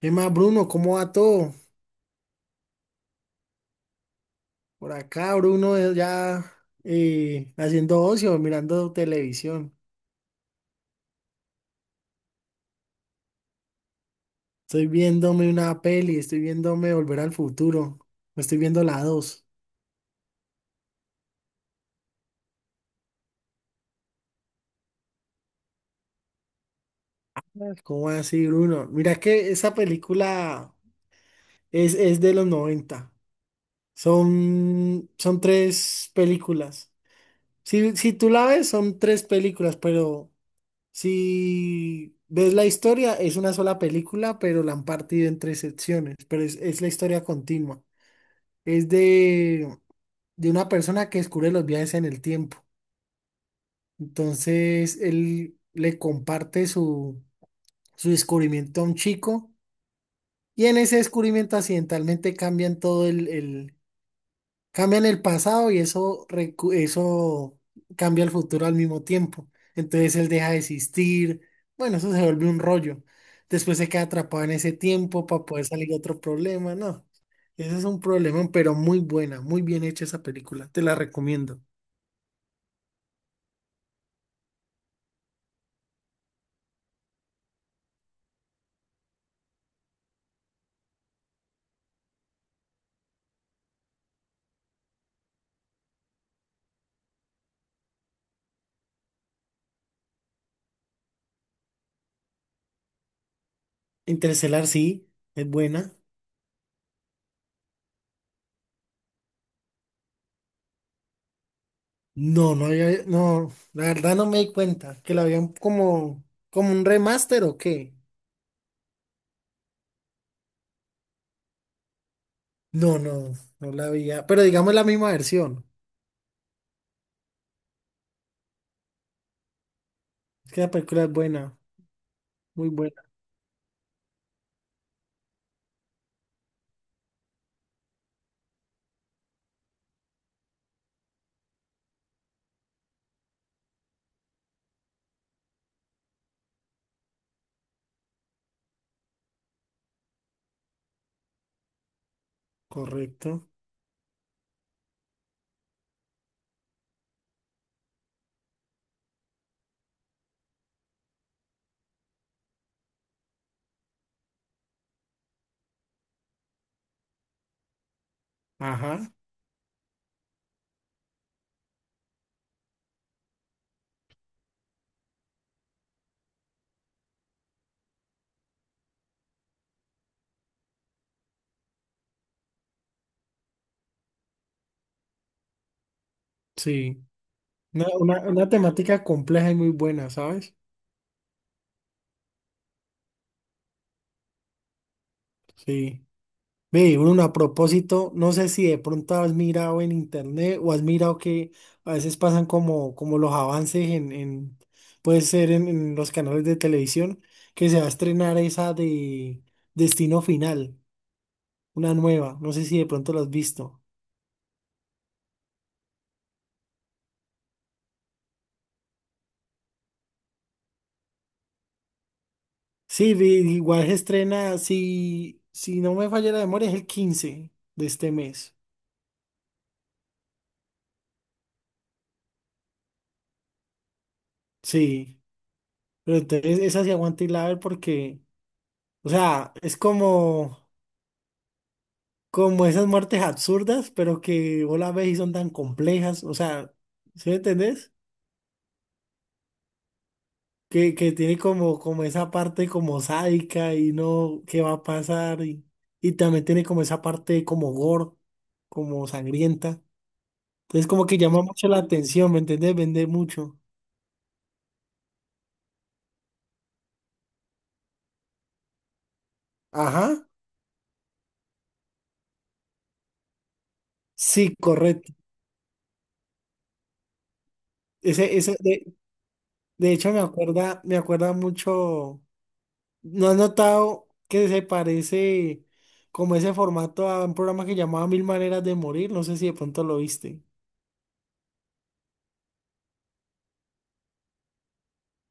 ¿Qué más, Bruno? ¿Cómo va todo? Por acá, Bruno, ya haciendo ocio, mirando televisión. Estoy viéndome una peli, estoy viéndome Volver al Futuro. Me estoy viendo la dos. ¿Cómo así, Bruno? Mira que esa película es de los 90. Son tres películas. Si tú la ves, son tres películas, pero si ves la historia, es una sola película, pero la han partido en tres secciones, pero es la historia continua. Es de una persona que descubre los viajes en el tiempo. Entonces, él le comparte su descubrimiento a un chico, y en ese descubrimiento accidentalmente cambian todo, cambian el pasado y eso, eso cambia el futuro al mismo tiempo. Entonces él deja de existir. Bueno, eso se vuelve un rollo. Después se queda atrapado en ese tiempo para poder salir de otro problema. No, ese es un problema, pero muy buena, muy bien hecha esa película. Te la recomiendo. Interestelar sí, es buena. No, no había, no, la verdad no me di cuenta que la habían como, como un remaster o qué. No, no, no la había, pero digamos la misma versión. Es que la película es buena. Muy buena, correcto. Ajá, sí. Una temática compleja y muy buena, ¿sabes? Sí. Ve, Bruno, a propósito, no sé si de pronto has mirado en internet o has mirado que a veces pasan como los avances en puede ser en los canales de televisión, que se va a estrenar esa de Destino Final, una nueva. No sé si de pronto lo has visto. Sí, igual se estrena, si no me falla la memoria, es el 15 de este mes. Sí, pero entonces esa se aguanta y la ver porque, o sea, es como esas muertes absurdas, pero que vos las ves y son tan complejas, o sea, ¿sí me entendés? Que tiene como esa parte como sádica y no, qué va a pasar, y también tiene como esa parte como gore, como sangrienta. Entonces como que llama mucho la atención, ¿me entendés? Vende mucho. Ajá, sí, correcto. Ese, ese, de, de hecho me acuerda mucho. ¿No has notado que se parece como ese formato a un programa que llamaba Mil Maneras de Morir? No sé si de pronto lo viste.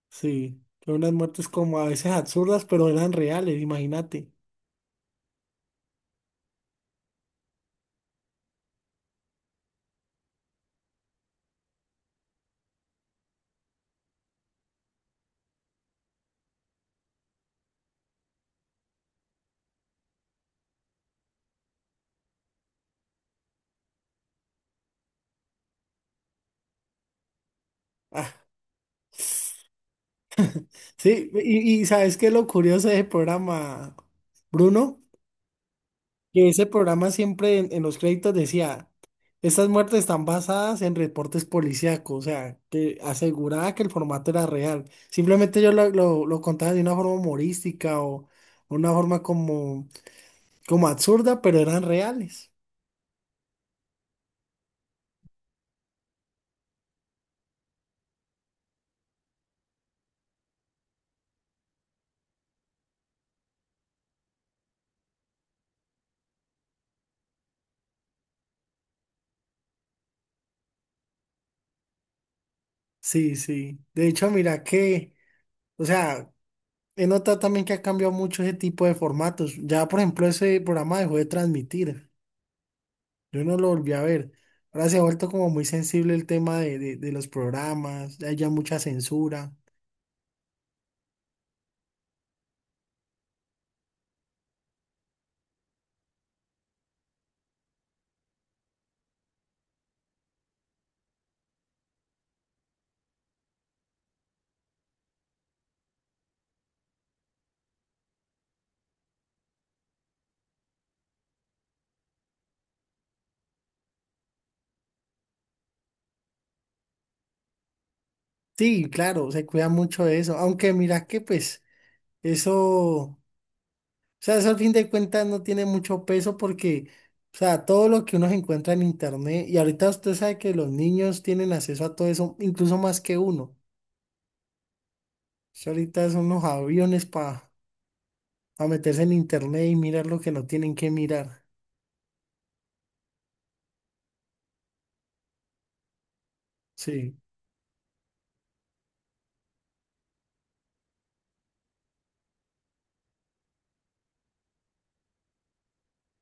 Sí, son unas muertes como a veces absurdas, pero eran reales, imagínate. Ah, sí, y ¿sabes qué es lo curioso de ese programa, Bruno? Que ese programa siempre en los créditos decía, estas muertes están basadas en reportes policíacos, o sea, que aseguraba que el formato era real. Simplemente yo lo contaba de una forma humorística o una forma como absurda, pero eran reales. Sí, sí. De hecho, mira que, o sea, he notado también que ha cambiado mucho ese tipo de formatos. Ya, por ejemplo, ese programa dejó de transmitir. Yo no lo volví a ver. Ahora se ha vuelto como muy sensible el tema de los programas, hay ya mucha censura. Sí, claro, se cuida mucho de eso. Aunque mira que pues eso, o sea, eso al fin de cuentas no tiene mucho peso porque, o sea, todo lo que uno se encuentra en internet, y ahorita usted sabe que los niños tienen acceso a todo eso, incluso más que uno. Eso ahorita son unos aviones para meterse en internet y mirar lo que no tienen que mirar. Sí.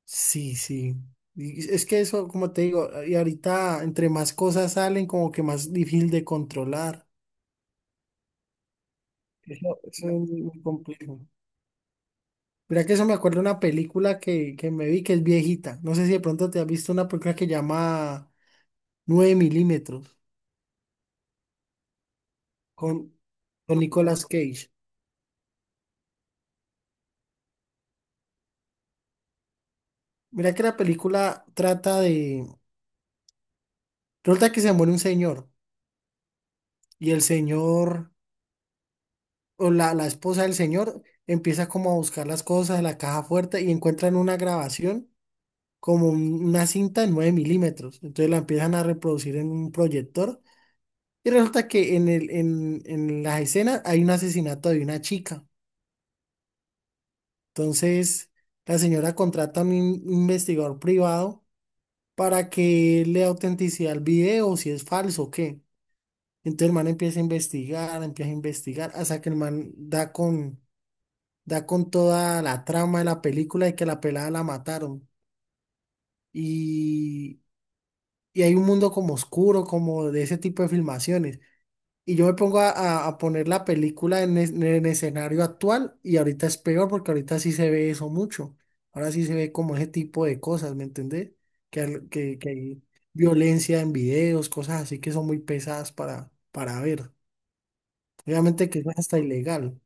Sí, sí. Y es que eso, como te digo, y ahorita entre más cosas salen, como que más difícil de controlar. Eso es muy muy complejo. Mira que eso me acuerdo de una película que me vi que es viejita. No sé si de pronto te has visto una película que llama 9 milímetros con, con Nicolas Cage. Mira que la película trata de... Resulta que se muere un señor y el señor o la esposa del señor empieza como a buscar las cosas de la caja fuerte y encuentran una grabación como una cinta de 9 milímetros. Entonces la empiezan a reproducir en un proyector y resulta que en las escenas hay un asesinato de una chica. Entonces la señora contrata a un investigador privado para que le dé autenticidad al video, si es falso o qué. Entonces el man empieza a investigar, hasta que el man da con toda la trama de la película y que la pelada la mataron, y y hay un mundo como oscuro, como de ese tipo de filmaciones. Y yo me pongo a poner la película en, en el escenario actual, y ahorita es peor porque ahorita sí se ve eso mucho. Ahora sí se ve como ese tipo de cosas, ¿me entendés? Que hay violencia en videos, cosas así que son muy pesadas para ver. Obviamente que es hasta ilegal.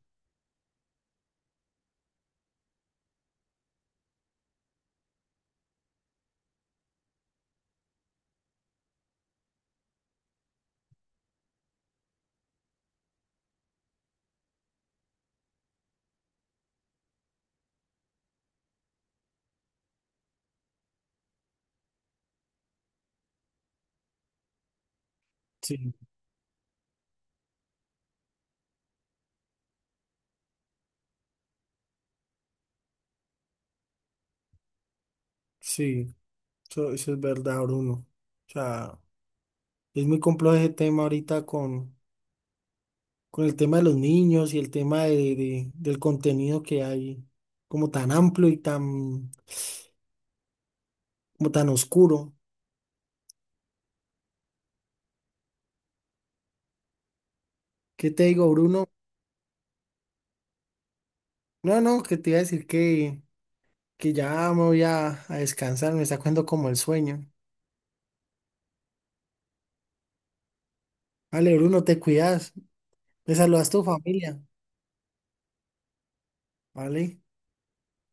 Sí, sí, eso es verdad, Bruno. O sea, es muy complejo ese tema ahorita con el tema de los niños y el tema del contenido que hay, como tan amplio y tan, como tan oscuro. ¿Qué te digo, Bruno? No, no, que te iba a decir que ya me voy a descansar, me está cogiendo como el sueño. Vale, Bruno, te cuidas, me saludas a tu familia, ¿vale?